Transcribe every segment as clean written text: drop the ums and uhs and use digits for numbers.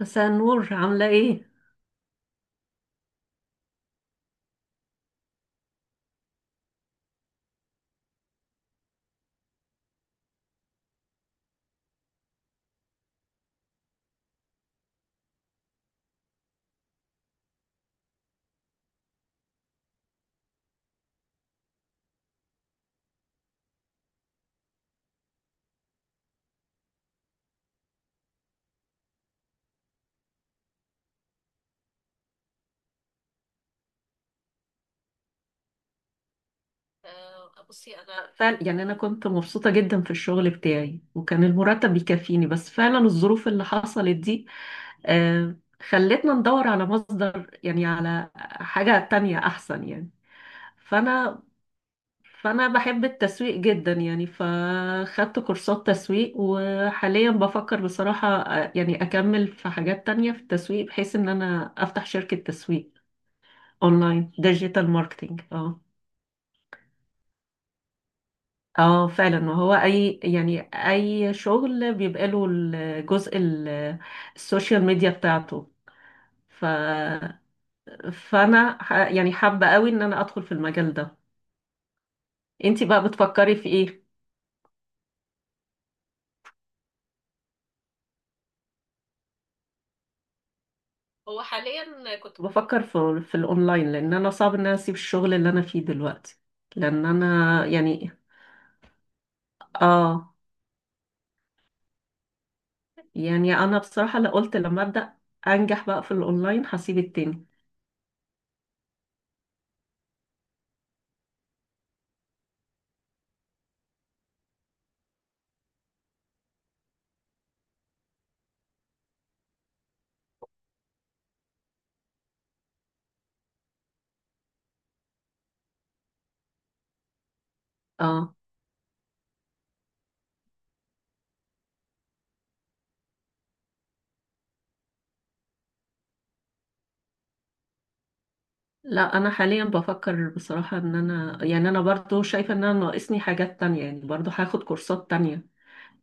مساء النور، عاملة ايه؟ بصي انا فعلا يعني انا كنت مبسوطة جدا في الشغل بتاعي وكان المرتب بيكفيني، بس فعلا الظروف اللي حصلت دي آه خلتنا ندور على مصدر، يعني على حاجة تانية احسن يعني. فانا فانا بحب التسويق جدا يعني، فخدت كورسات تسويق وحاليا بفكر بصراحة يعني اكمل في حاجات تانية في التسويق بحيث ان انا افتح شركة تسويق اونلاين، ديجيتال ماركتينج. اه. اه فعلا. وهو اي يعني اي شغل بيبقى له الجزء السوشيال ميديا بتاعته. ف فانا يعني حابة قوي ان انا ادخل في المجال ده. انتي بقى بتفكري في ايه؟ هو حاليا كنت بفكر في الاونلاين، لان انا صعب ان انا اسيب الشغل اللي انا فيه دلوقتي، لان انا يعني. اه. يعني انا بصراحة، لا، قلت لما ابدا انجح بقى في الاونلاين هسيب التاني. اه. لا انا حاليا بفكر بصراحة ان انا يعني انا برضو شايفة ان انا ناقصني حاجات تانية، يعني برضو هاخد كورسات تانية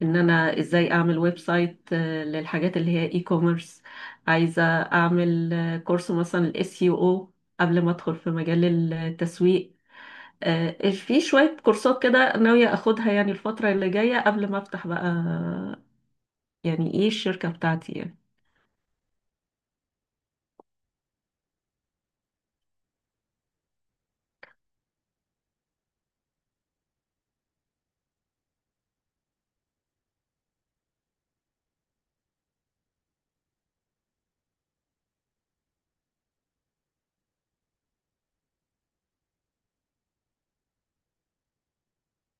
ان انا ازاي اعمل ويب سايت للحاجات اللي هي اي كوميرس. عايزة اعمل كورس مثلا الاس يو او قبل ما ادخل في مجال التسويق. في شوية كورسات كده ناوية اخدها يعني الفترة اللي جاية قبل ما افتح بقى، يعني ايه، الشركة بتاعتي يعني.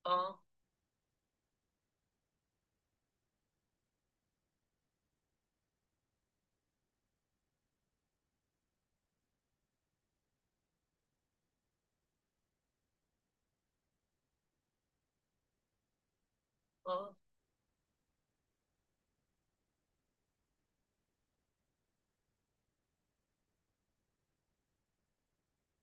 اه. اه.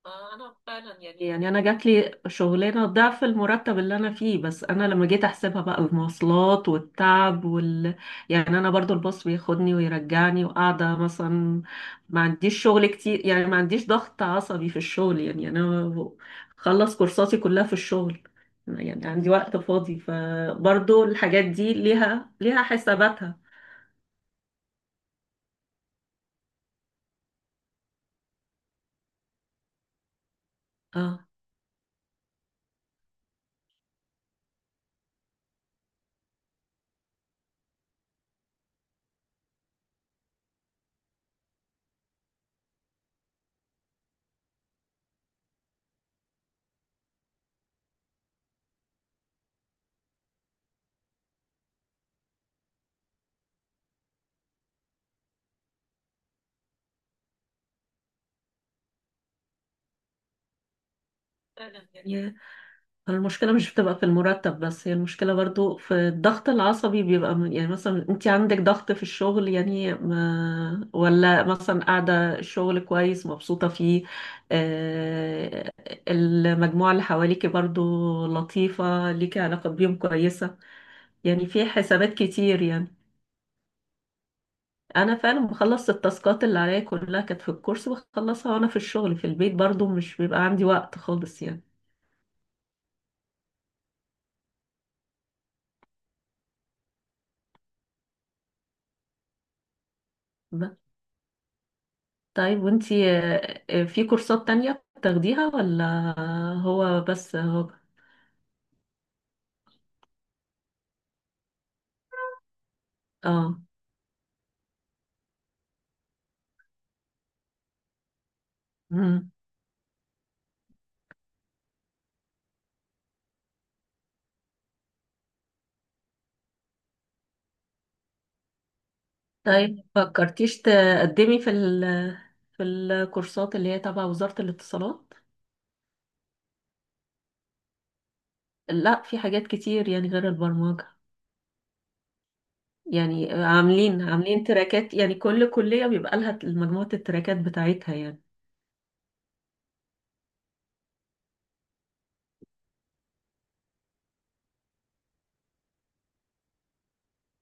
انا فعلا يعني يعني انا جات لي شغلانه ضعف المرتب اللي انا فيه، بس انا لما جيت احسبها بقى المواصلات والتعب وال، يعني انا برضو الباص بياخدني ويرجعني وقاعده مثلا. ما عنديش شغل كتير يعني، ما عنديش ضغط عصبي في الشغل. يعني انا خلص كورساتي كلها في الشغل، يعني عندي وقت فاضي، فبرضو الحاجات دي ليها ليها حساباتها. اه فعلا يعني. المشكلة مش بتبقى في المرتب بس، هي المشكلة برضو في الضغط العصبي بيبقى من- يعني مثلا انت عندك ضغط في الشغل يعني، ما ولا مثلا قاعدة الشغل كويس مبسوطة فيه، آه، المجموعة اللي حواليكي برضو لطيفة، ليكي علاقة بيهم كويسة، يعني في حسابات كتير يعني. انا فعلا بخلص التاسكات اللي عليا كلها، كانت في الكورس بخلصها وانا في الشغل. في البيت برضو مش بيبقى عندي وقت خالص يعني. طيب وانتي، في كورسات تانية بتاخديها ولا؟ هو بس هو. اه. مم. طيب فكرتيش تقدمي في الكورسات اللي هي تبع وزارة الاتصالات؟ لا في حاجات كتير يعني غير البرمجة، يعني عاملين تراكات يعني، كل كلية بيبقى لها مجموعة التراكات بتاعتها يعني.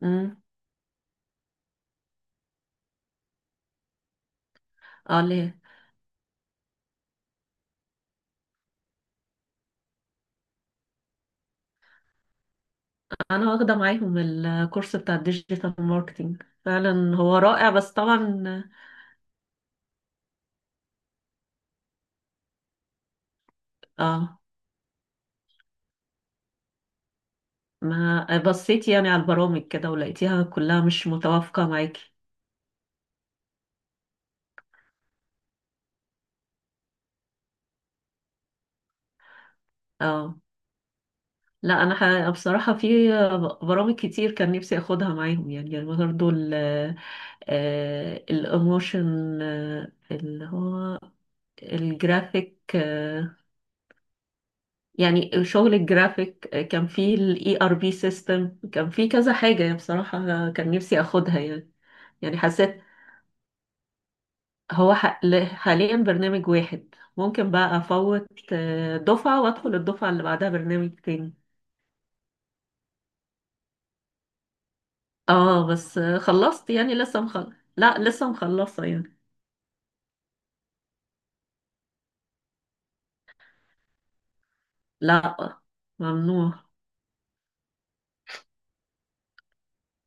مم. اه ليه. انا واخدة معاهم الكورس بتاع الديجيتال ماركتينج، فعلا هو رائع بس طبعا. اه. ما بصيتي يعني على البرامج كده ولقيتيها كلها مش متوافقة معاكي؟ اه. لا انا بصراحة في برامج كتير كان نفسي اخدها معاهم يعني برضه. الاموشن، اللي هو الجرافيك، يعني شغل الجرافيك، كان في الاي ار بي سيستم، كان في كذا حاجة يعني بصراحة كان نفسي اخدها يعني. يعني حسيت، حاليا برنامج واحد ممكن بقى افوت دفعة وادخل الدفعة اللي بعدها برنامج تاني. اه بس خلصت يعني لسه مخلص. لا لسه مخلصة يعني. لا، ممنوع.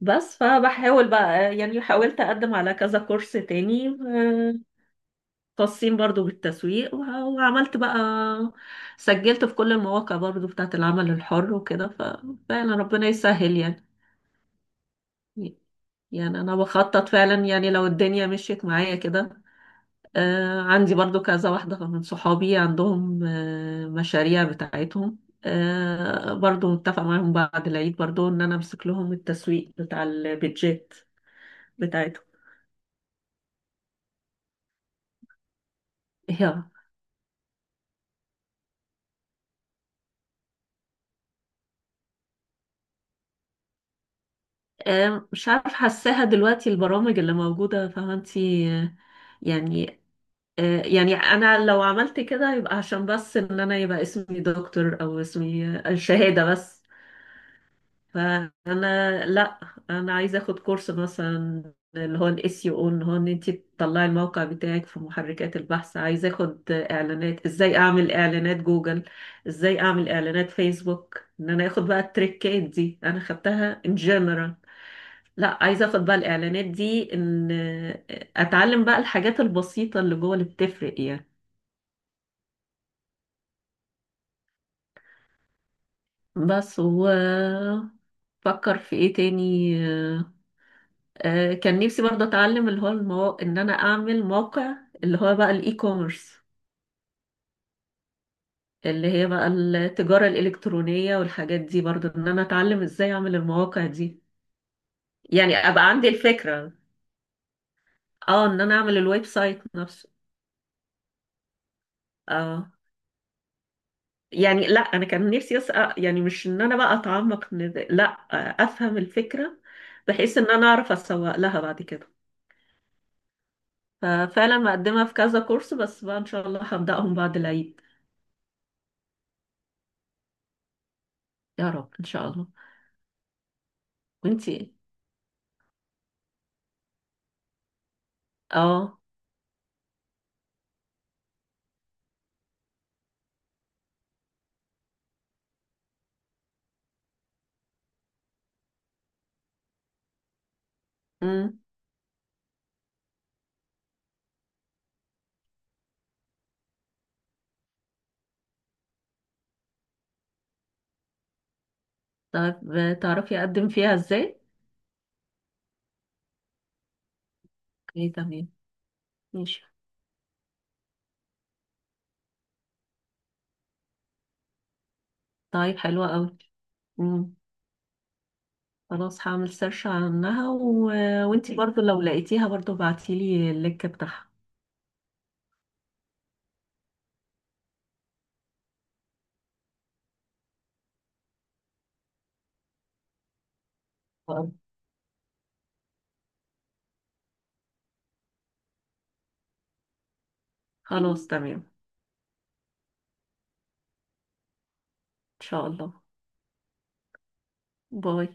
بس فبحاول بقى يعني حاولت اقدم على كذا كورس تاني، خاصين برضو بالتسويق، وعملت بقى، سجلت في كل المواقع برضو بتاعت العمل الحر وكده، ففعلا ربنا يسهل يعني. يعني انا بخطط فعلا يعني لو الدنيا مشيت معايا كده. عندي برضو كذا واحدة من صحابي عندهم مشاريع بتاعتهم، برضو متفق معاهم بعد العيد، برضو ان انا امسك لهم التسويق بتاع البيدجيت بتاعتهم. يا مش عارف، حاساها دلوقتي البرامج اللي موجودة، فاهمة انتي؟ يعني يعني انا لو عملت كده يبقى عشان بس ان انا يبقى اسمي دكتور او اسمي شهادة بس. فانا لا، انا عايزه اخد كورس مثلا اللي هو الاس يو او، ان هو ان انت تطلعي الموقع بتاعك في محركات البحث. عايزه اخد اعلانات، ازاي اعمل اعلانات جوجل، ازاي اعمل اعلانات فيسبوك، ان انا اخد بقى التريكات دي. انا خدتها ان جنرال، لا عايزه اخد بقى الاعلانات دي، ان اتعلم بقى الحاجات البسيطه اللي جوه اللي بتفرق يعني. بس و فكر في ايه تاني. كان نفسي برضه اتعلم اللي هو ان انا اعمل موقع، اللي هو بقى الاي كوميرس، اللي هي بقى التجارة الإلكترونية والحاجات دي، برضه ان انا اتعلم ازاي اعمل المواقع دي، يعني ابقى عندي الفكرة. اه ان انا اعمل الويب سايت نفسه. اه يعني لا انا كان نفسي اسأل يعني، مش ان انا بقى اتعمق إن ده، لا، افهم الفكرة بحيث ان انا اعرف اسوق لها بعد كده. ففعلا مقدمة في كذا كورس، بس بقى ان شاء الله هبدأهم بعد العيد. يا رب ان شاء الله. وانتي ايه؟ اه. امم. طيب تعرفي اقدم فيها ازاي؟ اوكي تمام. ماشي. طيب حلوة قوي. امم. خلاص هعمل سيرش عنها، و... وانتي برضو لو لقيتيها برضو ابعتيلي اللينك بتاعها. خلاص تمام. ان شاء الله. باي.